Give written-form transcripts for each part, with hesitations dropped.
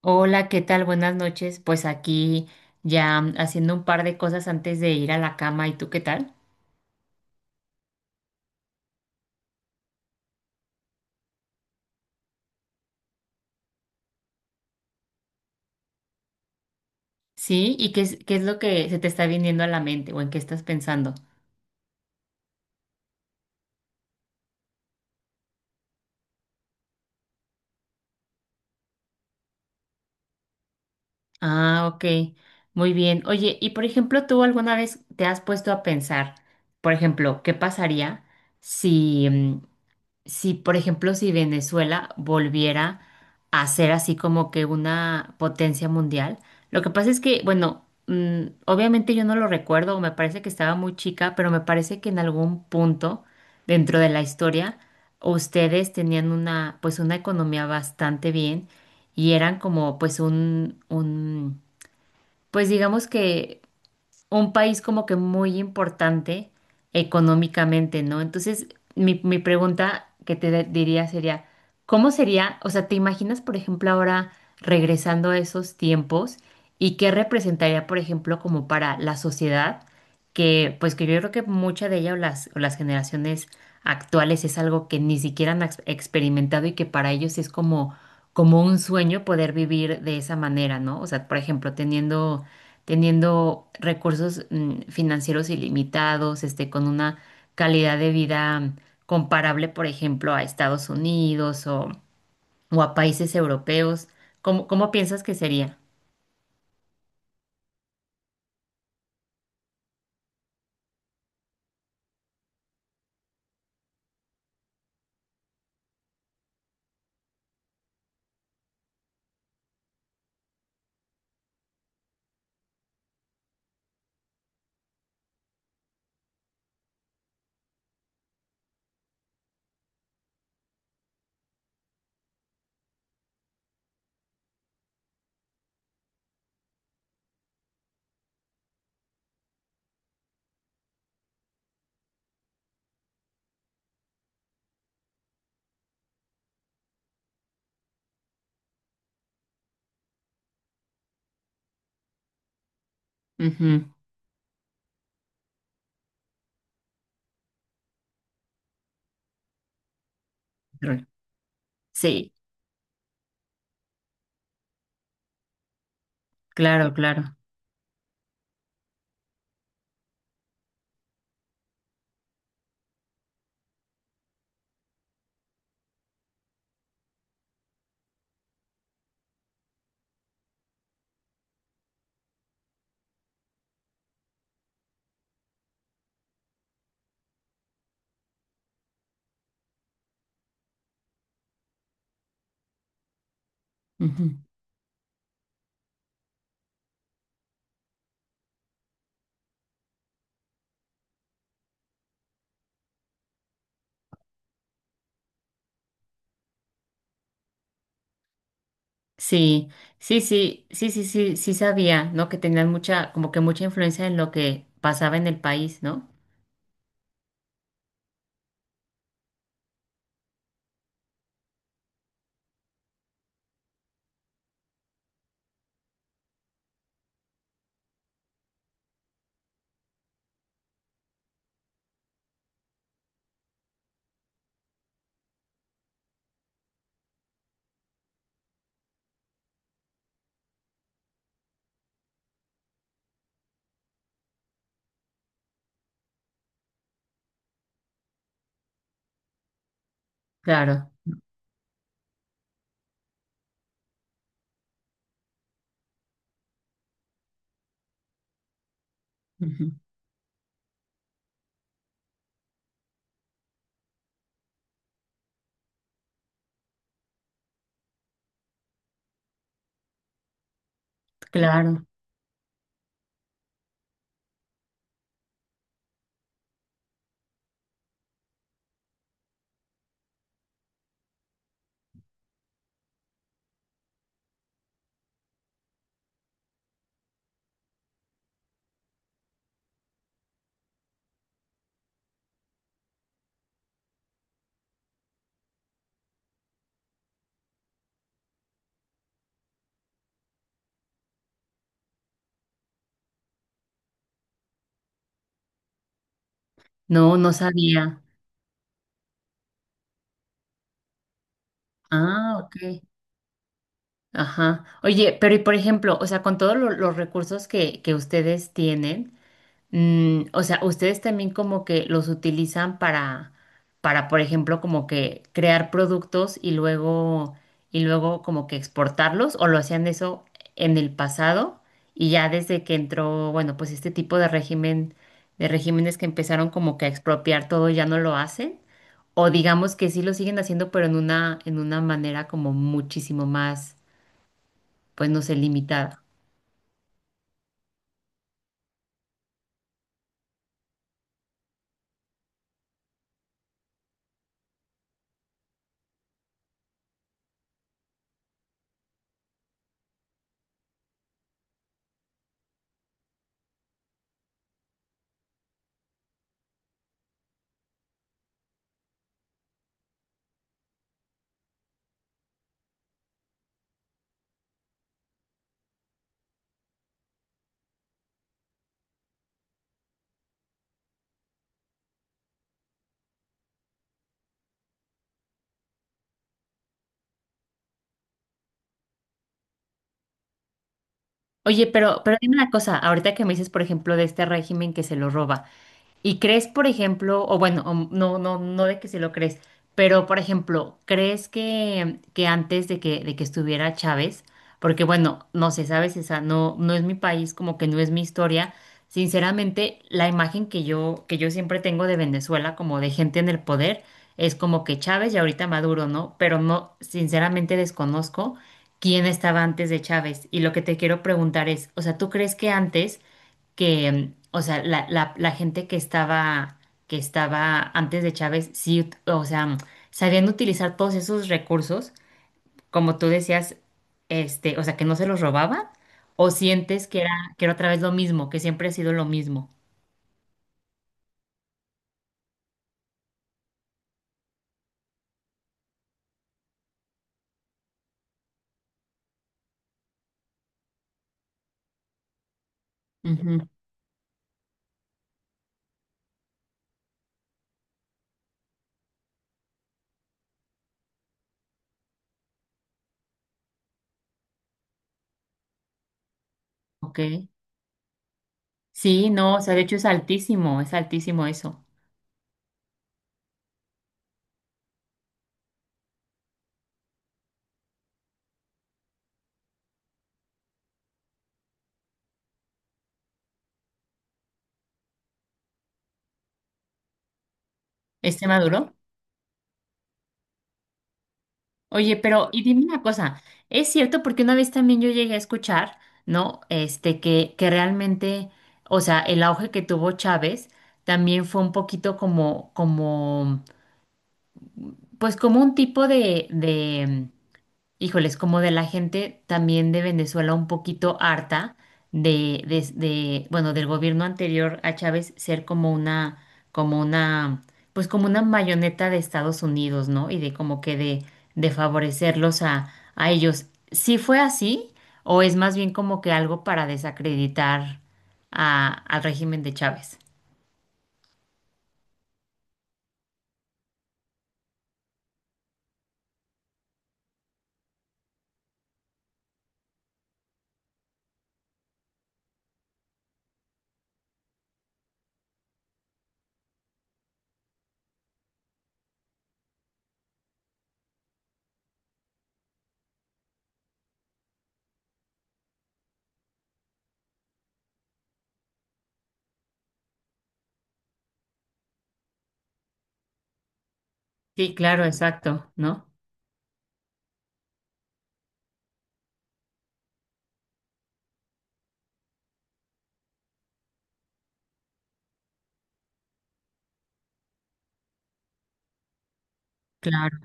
Hola, ¿qué tal? Buenas noches. Pues aquí ya haciendo un par de cosas antes de ir a la cama. ¿Y tú qué tal? Sí, ¿y qué es lo que se te está viniendo a la mente o en qué estás pensando? Ah, ok. Muy bien. Oye, y por ejemplo, ¿tú alguna vez te has puesto a pensar, por ejemplo, qué pasaría si, si, por ejemplo, si Venezuela volviera a ser así como que una potencia mundial? Lo que pasa es que, bueno, obviamente yo no lo recuerdo, o me parece que estaba muy chica, pero me parece que en algún punto dentro de la historia ustedes tenían una, pues una economía bastante bien, y eran como pues pues digamos que un país como que muy importante económicamente, ¿no? Entonces, mi pregunta que diría sería, ¿cómo sería? O sea, te imaginas, por ejemplo, ahora regresando a esos tiempos, ¿y qué representaría, por ejemplo, como para la sociedad, que pues que yo creo que mucha de ella o o las generaciones actuales es algo que ni siquiera experimentado y que para ellos es como, como un sueño poder vivir de esa manera, ¿no? O sea, por ejemplo, teniendo recursos financieros ilimitados, este, con una calidad de vida comparable, por ejemplo, a Estados Unidos o a países europeos. ¿Cómo piensas que sería? Ujú. Rol. Sí, claro, claro. Ujú. Sí, sí, sí, sí, sí, sí, sí sabía, ¿no? Que tenían mucha, como que mucha influencia en lo que pasaba en el país, ¿no? Claro, Ujú, claro. No, no sabía. Ah, ok. Ajá. Oye, pero y por ejemplo, o sea, con todos los recursos que ustedes tienen, o sea, ustedes también como que los utilizan para, por ejemplo, como que crear productos y luego como que exportarlos, o lo hacían eso en el pasado, y ya desde que entró, bueno, pues este tipo de régimen, de regímenes que empezaron como que a expropiar todo, ya no lo hacen. O digamos que sí lo siguen haciendo, pero en una manera como muchísimo más, pues no sé, limitado. Oye, pero dime una cosa, ahorita que me dices, por ejemplo, de este régimen que se lo roba. ¿Y crees, por ejemplo, o bueno, o no, no, no de que se lo crees, pero por ejemplo, ¿crees que antes de que estuviera Chávez? Porque bueno, no sé, sabes, esa no, no es mi país, como que no es mi historia. Sinceramente, la imagen que que yo siempre tengo de Venezuela, como de gente en el poder, es como que Chávez y ahorita Maduro, ¿no? Pero no, sinceramente desconozco quién estaba antes de Chávez. Y lo que te quiero preguntar es, o sea, ¿tú crees que antes que, o sea, la gente que estaba antes de Chávez, sí, o sea, sabían utilizar todos esos recursos, como tú decías, este, o sea, que no se los robaban, o sientes que era otra vez lo mismo, que siempre ha sido lo mismo? Ujú. Ok. Sí, no, o sea, de hecho es altísimo eso. ¿Este maduro? Oye, pero y dime una cosa, es cierto porque una vez también yo llegué a escuchar, ¿no? Este, que realmente, o sea, el auge que tuvo Chávez también fue un poquito como, como, pues como un tipo de híjoles, como de la gente también de Venezuela un poquito harta de, bueno, del gobierno anterior a Chávez ser como una, pues como una marioneta de Estados Unidos, ¿no? Y de como que de favorecerlos a ellos. ¿Sí fue así? ¿O es más bien como que algo para desacreditar a, al régimen de Chávez? Sí, claro, exacto, ¿no? Claro.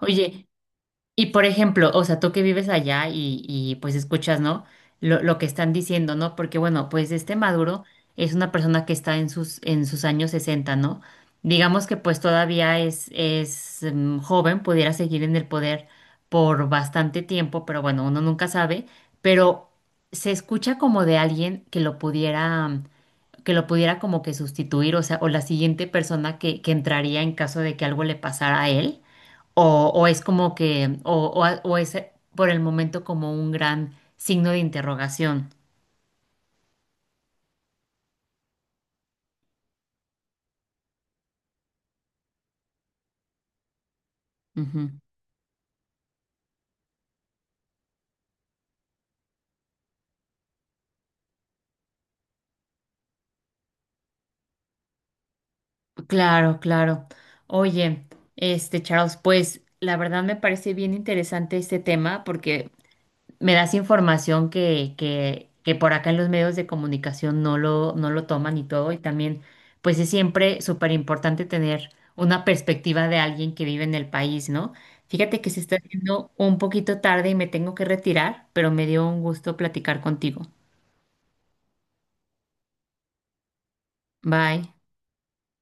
Oye, y por ejemplo, o sea, tú que vives allá y, pues escuchas, ¿no? Lo que están diciendo, ¿no? Porque bueno, pues este Maduro es una persona que está en sus años 60, ¿no? Digamos que pues todavía es joven, pudiera seguir en el poder por bastante tiempo, pero bueno, uno nunca sabe, pero se escucha como de alguien que lo pudiera, que lo pudiera como que sustituir, o sea, o la siguiente persona que entraría en caso de que algo le pasara a él. O es como que, o o es por el momento como un gran signo de interrogación. Ujú. Claro, claro. Oye, este Charles, pues la verdad me parece bien interesante este tema porque me das información que por acá en los medios de comunicación no lo, no lo toman y todo. Y también, pues es siempre súper importante tener una perspectiva de alguien que vive en el país, ¿no? Fíjate que se está haciendo un poquito tarde y me tengo que retirar, pero me dio un gusto platicar contigo. Bye.